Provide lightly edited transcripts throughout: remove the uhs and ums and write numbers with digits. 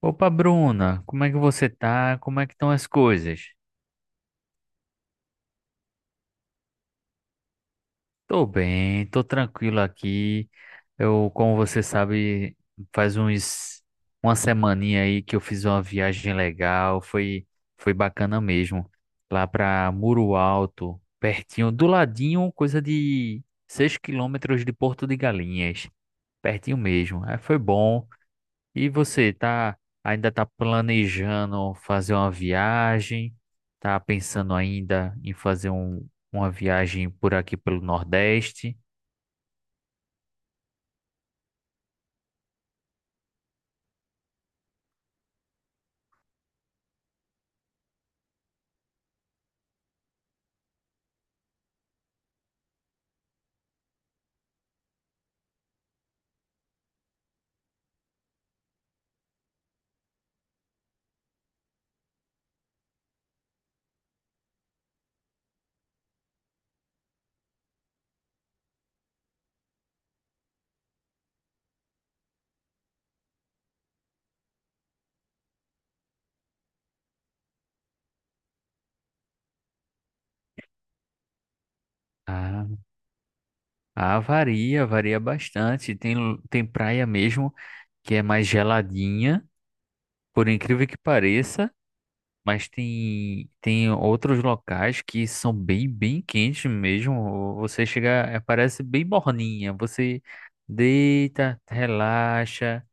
Opa, Bruna, como é que você tá? Como é que estão as coisas? Tô bem, tô tranquilo aqui. Eu, como você sabe, faz uns uma semaninha aí que eu fiz uma viagem legal, foi bacana mesmo. Lá pra Muro Alto, pertinho, do ladinho, coisa de 6 quilômetros de Porto de Galinhas, pertinho mesmo. Aí foi bom. E você tá ainda tá planejando fazer uma viagem? Tá pensando ainda em fazer uma viagem por aqui pelo Nordeste? Ah, varia, bastante. Tem, tem praia mesmo que é mais geladinha, por incrível que pareça, mas tem outros locais que são bem quentes mesmo. Você chega, parece bem morninha. Você deita, relaxa.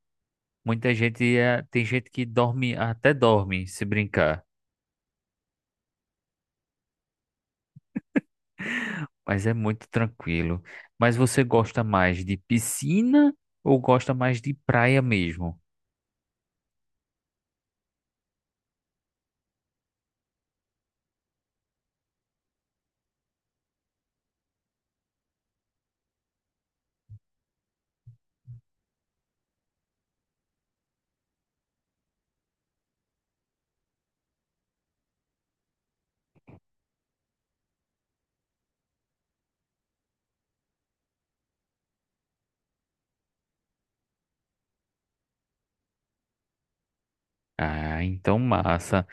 Muita gente tem gente que dorme, até dorme se brincar, mas é muito tranquilo. Mas você gosta mais de piscina ou gosta mais de praia mesmo? Ah, então massa.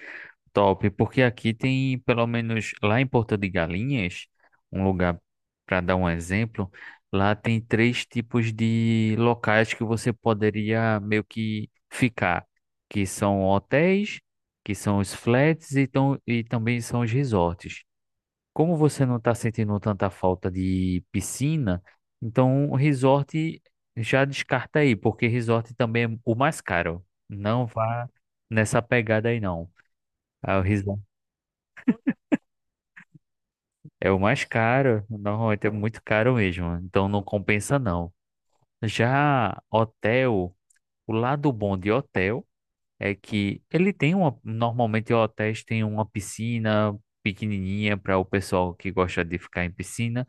Top, porque aqui tem, pelo menos lá em Porto de Galinhas, um lugar para dar um exemplo, lá tem três tipos de locais que você poderia meio que ficar, que são hotéis, que são os flats e também são os resorts. Como você não está sentindo tanta falta de piscina, então o resort já descarta aí, porque resort também é o mais caro. Não vá nessa pegada aí, não. O resort é o mais caro, normalmente é muito caro mesmo, então não compensa não. Já hotel, o lado bom de hotel é que ele tem uma, normalmente hotéis têm uma piscina pequenininha para o pessoal que gosta de ficar em piscina,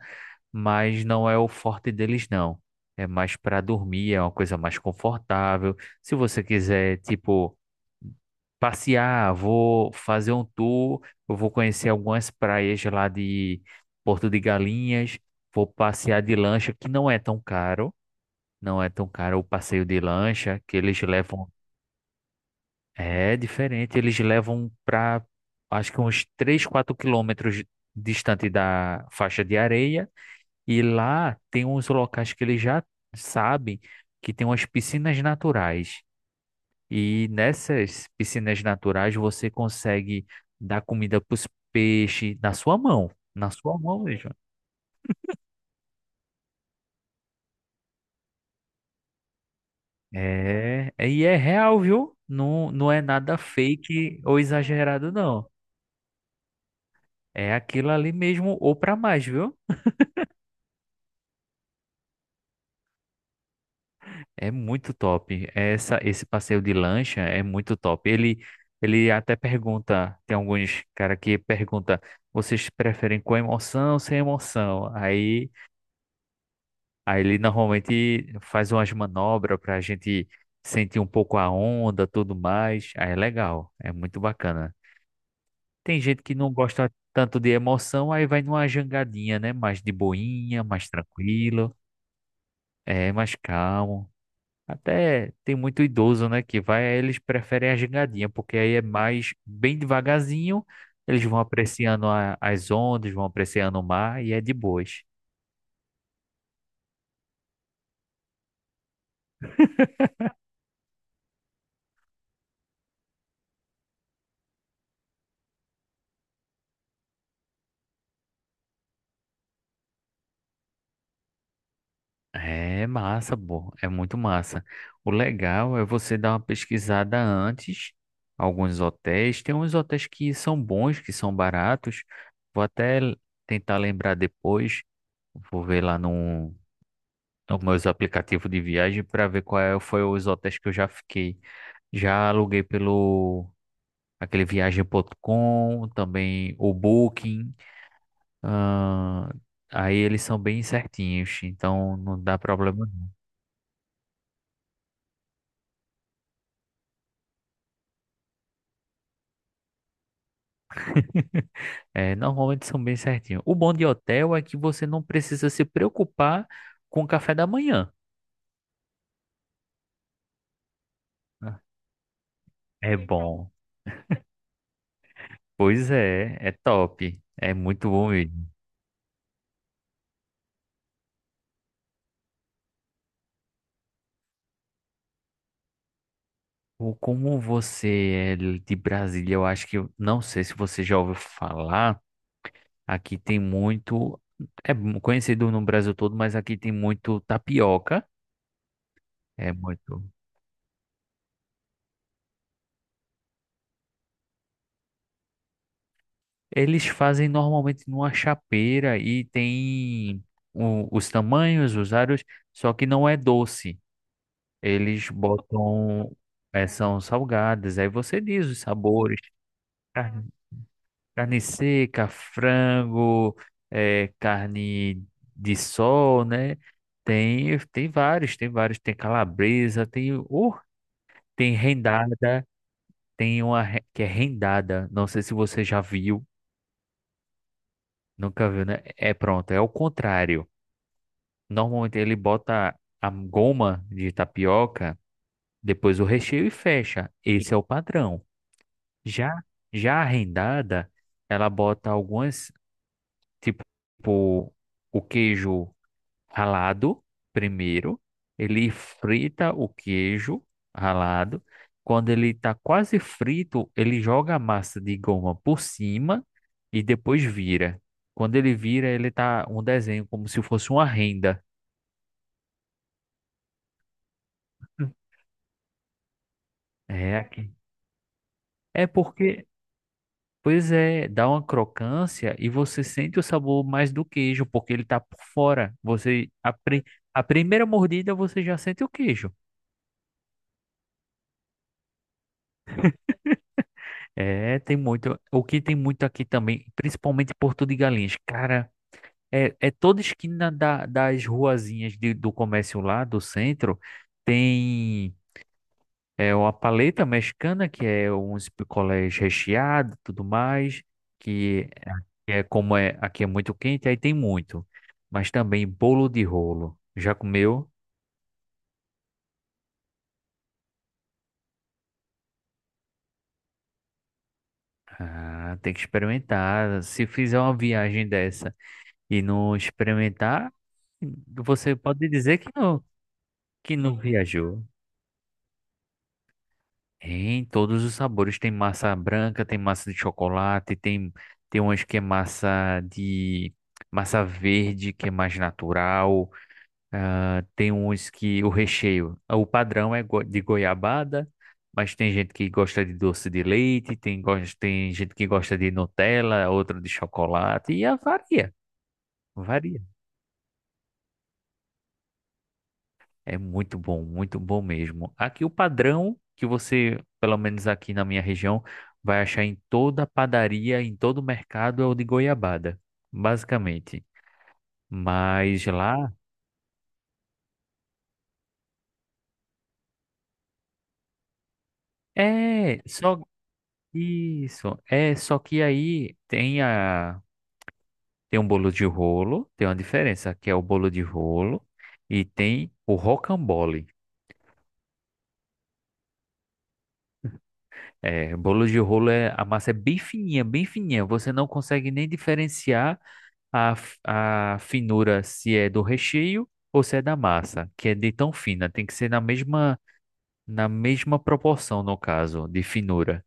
mas não é o forte deles, não. É mais para dormir, é uma coisa mais confortável. Se você quiser, tipo, passear, vou fazer um tour, eu vou conhecer algumas praias lá de Porto de Galinhas, vou passear de lancha, que não é tão caro, o passeio de lancha, que eles levam, é diferente, eles levam para, acho que uns 3 4 quilômetros distante da faixa de areia, e lá tem uns locais que eles já sabem que tem umas piscinas naturais. E nessas piscinas naturais você consegue dar comida para os peixes na sua mão. Na sua mão mesmo. E é real, viu? Não, não é nada fake ou exagerado, não. É aquilo ali mesmo ou para mais, viu? É muito top. Esse passeio de lancha é muito top. Ele até pergunta, tem alguns cara que pergunta, vocês preferem com emoção ou sem emoção? Aí ele normalmente faz umas manobras para a gente sentir um pouco a onda, tudo mais. Aí é legal, é muito bacana. Tem gente que não gosta tanto de emoção, aí vai numa jangadinha, né? Mais de boinha, mais tranquilo, é mais calmo. Até tem muito idoso, né, que vai, aí eles preferem a gingadinha, porque aí é mais bem devagarzinho, eles vão apreciando as ondas, vão apreciando o mar e é de boas. É massa, pô, é muito massa. O legal é você dar uma pesquisada antes, alguns hotéis, tem uns hotéis que são bons, que são baratos. Vou até l- tentar lembrar depois, vou ver lá no nos meus aplicativos de viagem para ver foi os hotéis que eu já fiquei. Já aluguei pelo aquele viagem.com, também o Booking. ah, Aí eles são bem certinhos, então não dá problema. É, normalmente são bem certinhos. O bom de hotel é que você não precisa se preocupar com o café da manhã, né? É bom. Pois é, é top. É muito bom mesmo. Ou Como você é de Brasília, eu acho que, não sei se você já ouviu falar, aqui tem muito, é conhecido no Brasil todo, mas aqui tem muito tapioca, é muito. Eles fazem normalmente numa chapeira e tem os tamanhos, os aros, só que não é doce. Eles botam, é, são salgadas, aí você diz os sabores. Carne seca, frango, carne de sol, né? Tem, tem vários, tem calabresa, tem, tem rendada, tem que é rendada. Não sei se você já viu, nunca viu, né? É pronto, é o contrário. Normalmente ele bota a goma de tapioca, depois o recheio e fecha. Esse é o padrão. Já, já a rendada, ela bota algumas, tipo, o queijo ralado primeiro, ele frita o queijo ralado. Quando ele está quase frito, ele joga a massa de goma por cima e depois vira. Quando ele vira, ele tá um desenho como se fosse uma renda. É aqui. É porque, pois é, dá uma crocância e você sente o sabor mais do queijo, porque ele tá por fora. A primeira mordida você já sente o queijo. É, tem muito. O que tem muito aqui também, principalmente em Porto de Galinhas, cara, é toda esquina das ruazinhas do comércio lá, do centro, tem uma paleta mexicana, que é uns picolés recheados, tudo mais, que é, é como é, aqui é muito quente, aí tem muito. Mas também bolo de rolo. Já comeu? Ah, tem que experimentar. Se fizer uma viagem dessa e não experimentar, você pode dizer que não viajou. Em todos os sabores. Tem massa branca, tem massa de chocolate, tem, tem umas que é massa de. Massa verde, que é mais natural. Tem uns que o recheio. O padrão é de goiabada, mas tem gente que gosta de doce de leite, tem, tem gente que gosta de Nutella, outra de chocolate, e varia. Varia. É muito bom mesmo. Aqui o padrão que você, pelo menos aqui na minha região, vai achar em toda padaria, em todo mercado é o de goiabada, basicamente. Mas lá é só isso, é só que aí tem um bolo de rolo, tem uma diferença, que é o bolo de rolo e tem o rocambole. É, bolo de rolo é a massa é bem fininha, você não consegue nem diferenciar a finura se é do recheio ou se é da massa, que é de tão fina, tem que ser na mesma proporção, no caso, de finura.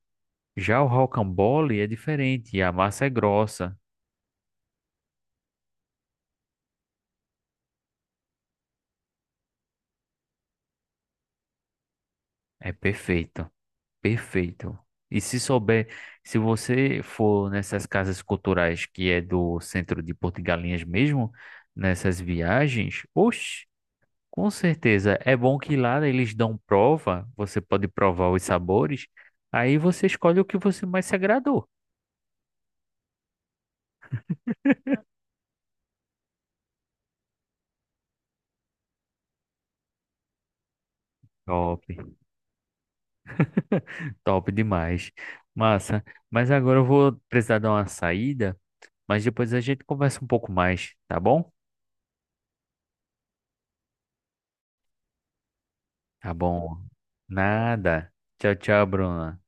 Já o rocambole é diferente, a massa é grossa, é perfeito, perfeito. E se souber, se você for nessas casas culturais que é do centro de Porto de Galinhas mesmo, nessas viagens, oxe. Com certeza. É bom que lá eles dão prova, você pode provar os sabores, aí você escolhe o que você mais se agradou. Top, top demais. Massa. Mas agora eu vou precisar dar uma saída, mas depois a gente conversa um pouco mais, tá bom? Tá bom. Nada. Tchau, tchau, Bruna.